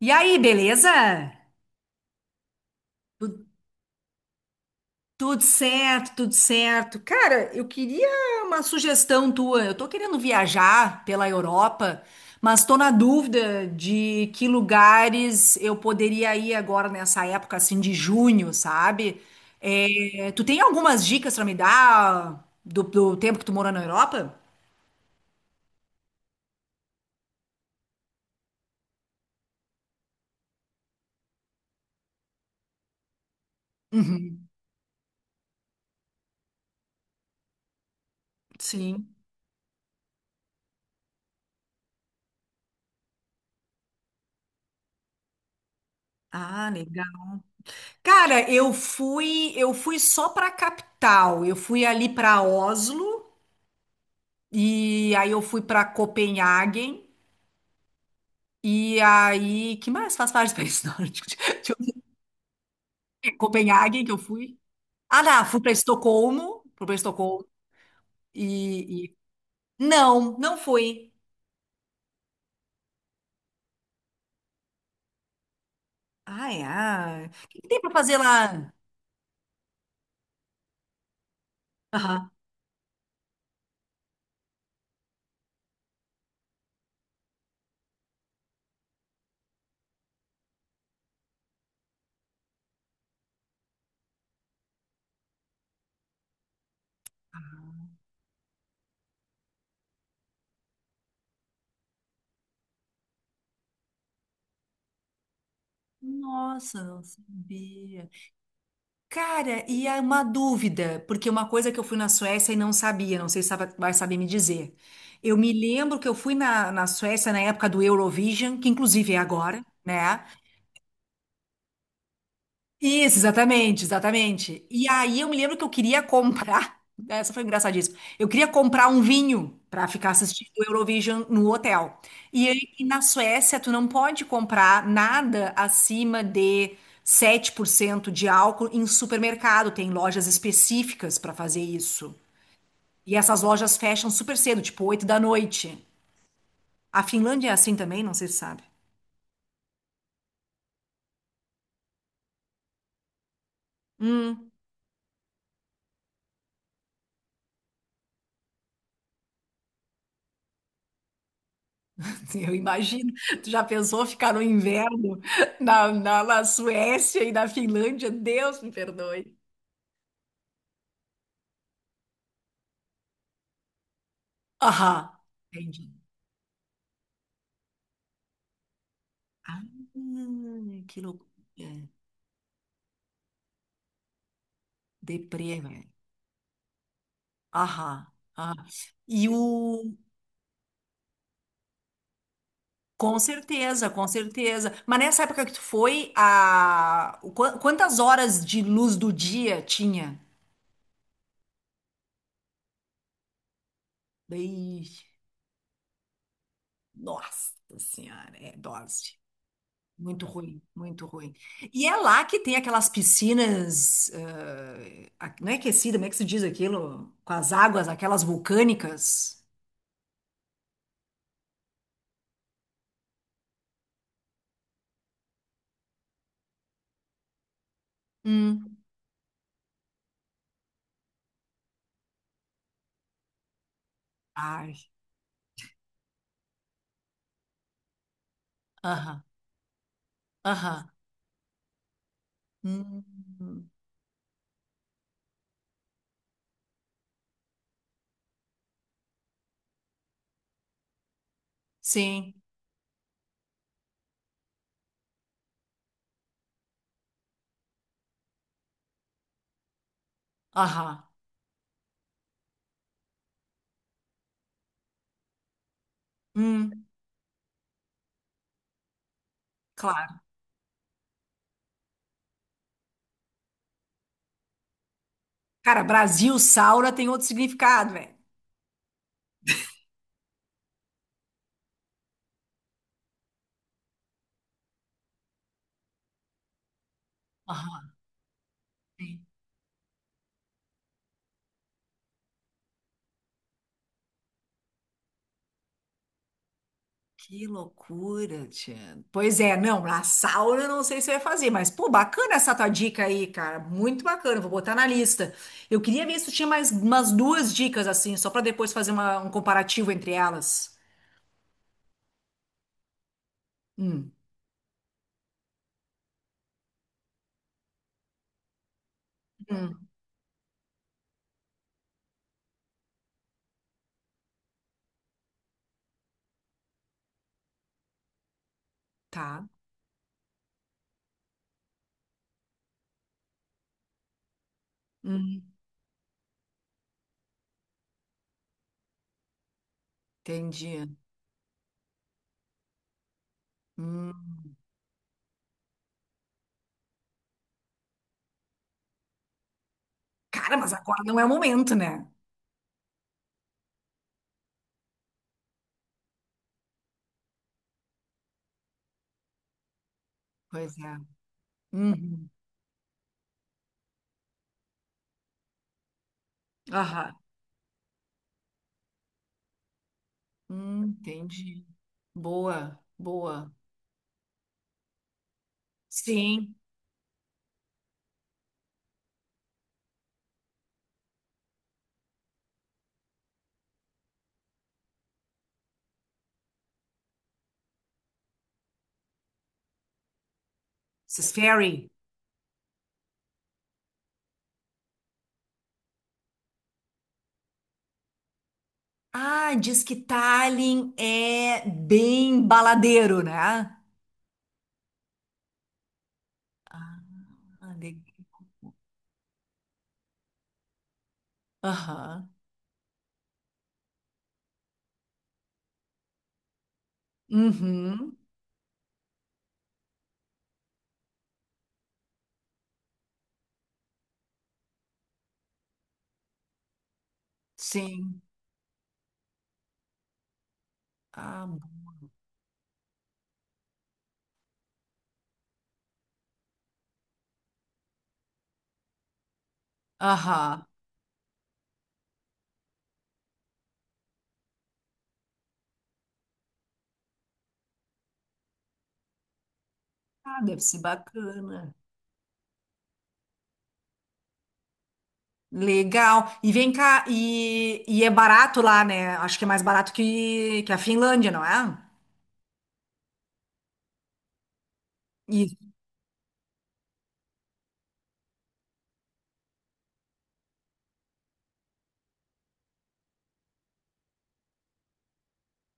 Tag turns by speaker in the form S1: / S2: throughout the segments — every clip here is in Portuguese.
S1: E aí, beleza? Tu- Tudo certo, tudo certo. Cara, eu queria uma sugestão tua. Eu tô querendo viajar pela Europa, mas tô na dúvida de que lugares eu poderia ir agora nessa época assim de junho, sabe? É, tu tem algumas dicas pra me dar do tempo que tu morou na Europa? Uhum. Sim. Ah, legal. Cara, eu fui só para a capital. Eu fui ali para Oslo. E aí eu fui para Copenhague. E aí, que mais faz parte do país nórdico? Deixa eu ver. Copenhagen que eu fui. Ah, não, fui para Estocolmo e não, não fui. Ai, ai. O que que tem para fazer lá? Aham. Nossa, não sabia. Cara, e é uma dúvida, porque uma coisa que eu fui na Suécia e não sabia, não sei se sabe- vai saber me dizer. Eu me lembro que eu fui na Suécia na época do Eurovision, que inclusive é agora, né? Isso, exatamente, exatamente. E aí eu me lembro que eu queria comprar, essa foi engraçadíssima. Eu queria comprar um vinho para ficar assistindo o Eurovision no hotel. E aí, e na Suécia tu não pode comprar nada acima de 7% de álcool em supermercado, tem lojas específicas para fazer isso. E essas lojas fecham super cedo, tipo 8 da noite. A Finlândia é assim também, não sei se sabe. Hum. Eu imagino. Tu já pensou ficar no inverno na Suécia e na Finlândia? Deus me perdoe. Aham, entendi. Ah, que loucura. Deprê, velho. Aham, aham. E o... Com certeza, com certeza. Mas nessa época que tu foi, quantas horas de luz do dia tinha? Daí... Nossa Senhora, é dose. Muito ruim, muito ruim. E é lá que tem aquelas piscinas, não é aquecida, como é que se diz aquilo? Com as águas, aquelas vulcânicas. Hum. Ai, aham, aham. Hum, sim, aham. Hum, claro. Cara, Brasil, Saura tem outro significado, velho. Aham. Que loucura, Tia. Pois é, não, na sauna eu não sei se vai fazer, mas pô, bacana essa tua dica aí, cara, muito bacana, vou botar na lista. Eu queria ver se tu tinha mais umas duas dicas assim, só pra depois fazer um comparativo entre elas. Hum, hum, tá. Hum, entendi. Hum. Cara, mas agora não é o momento, né? Pois é. Uhum. Aham. Entendi. Boa, boa. Sim, esses fairy. Ah, diz que Tallinn é bem baladeiro, né? Ah, legal. Aham. Uhum. Sim. Ah, bom. Aham. Ah, deve ser bacana. Legal. E vem cá, e é barato lá, né? Acho que é mais barato que a Finlândia, não é? Isso.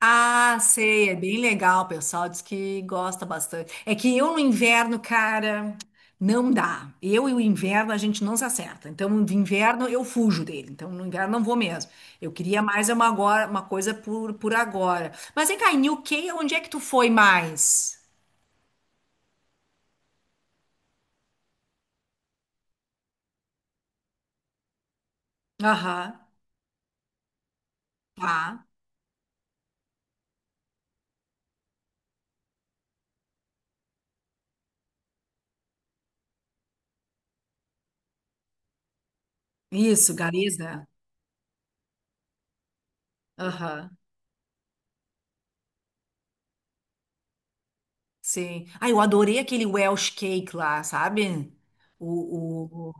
S1: Ah, sei, é bem legal, o pessoal diz que gosta bastante. É que eu no inverno, cara, não dá. Eu e o inverno a gente não se acerta. Então, no inverno eu fujo dele. Então, no inverno não vou mesmo. Eu queria mais uma agora, uma coisa por agora. Mas vem cá, em UK, onde é que tu foi mais? Aham, tá. Isso, Gariza, né? Aham, sim. Ah, eu adorei aquele Welsh cake lá, sabe? O, o,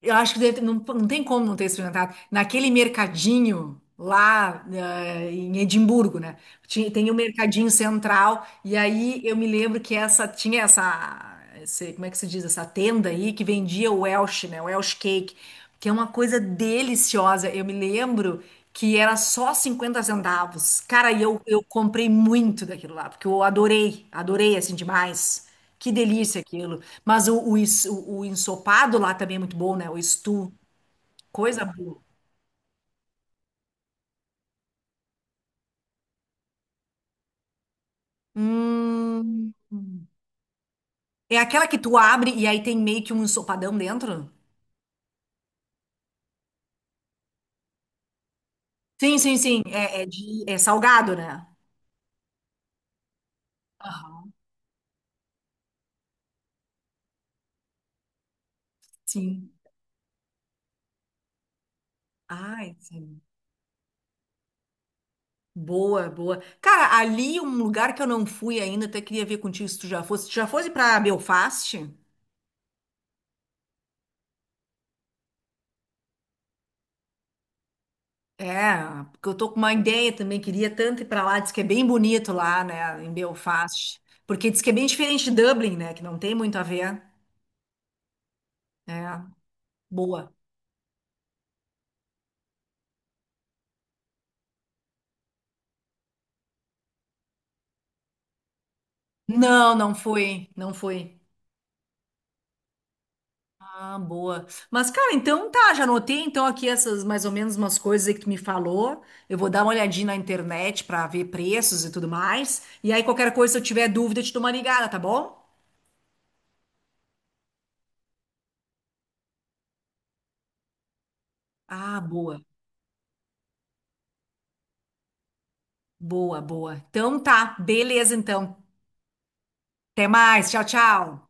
S1: Eu acho que não, não tem como não ter experimentado. Naquele mercadinho lá, em Edimburgo, né? Tinha, tem o mercadinho central, e aí eu me lembro que essa tinha como é que se diz, essa tenda aí que vendia o Welsh, né? O Welsh Cake, que é uma coisa deliciosa. Eu me lembro que era só 50 centavos. Cara, e eu comprei muito daquilo lá, porque eu adorei, adorei assim demais. Que delícia aquilo. Mas o ensopado lá também é muito bom, né? O stew, coisa boa. Hum. É aquela que tu abre e aí tem meio que um ensopadão dentro? Sim, sim, sim. É, é salgado, né? Aham, sim. Ai, sim. Boa, boa. Cara, ali um lugar que eu não fui ainda, até queria ver contigo se tu já fosse. Tu já fosse pra Belfast? É, porque eu tô com uma ideia também, queria tanto ir pra lá, diz que é bem bonito lá, né, em Belfast. Porque diz que é bem diferente de Dublin, né, que não tem muito a ver. É, boa. Não, não fui, não fui. Ah, boa. Mas, cara, então tá, já anotei então aqui essas mais ou menos umas coisas aí que tu me falou. Eu vou dar uma olhadinha na internet pra ver preços e tudo mais. E aí, qualquer coisa, se eu tiver dúvida, eu te dou uma ligada, tá bom? Ah, boa. Boa, boa. Então tá, beleza então. Até mais. Tchau, tchau.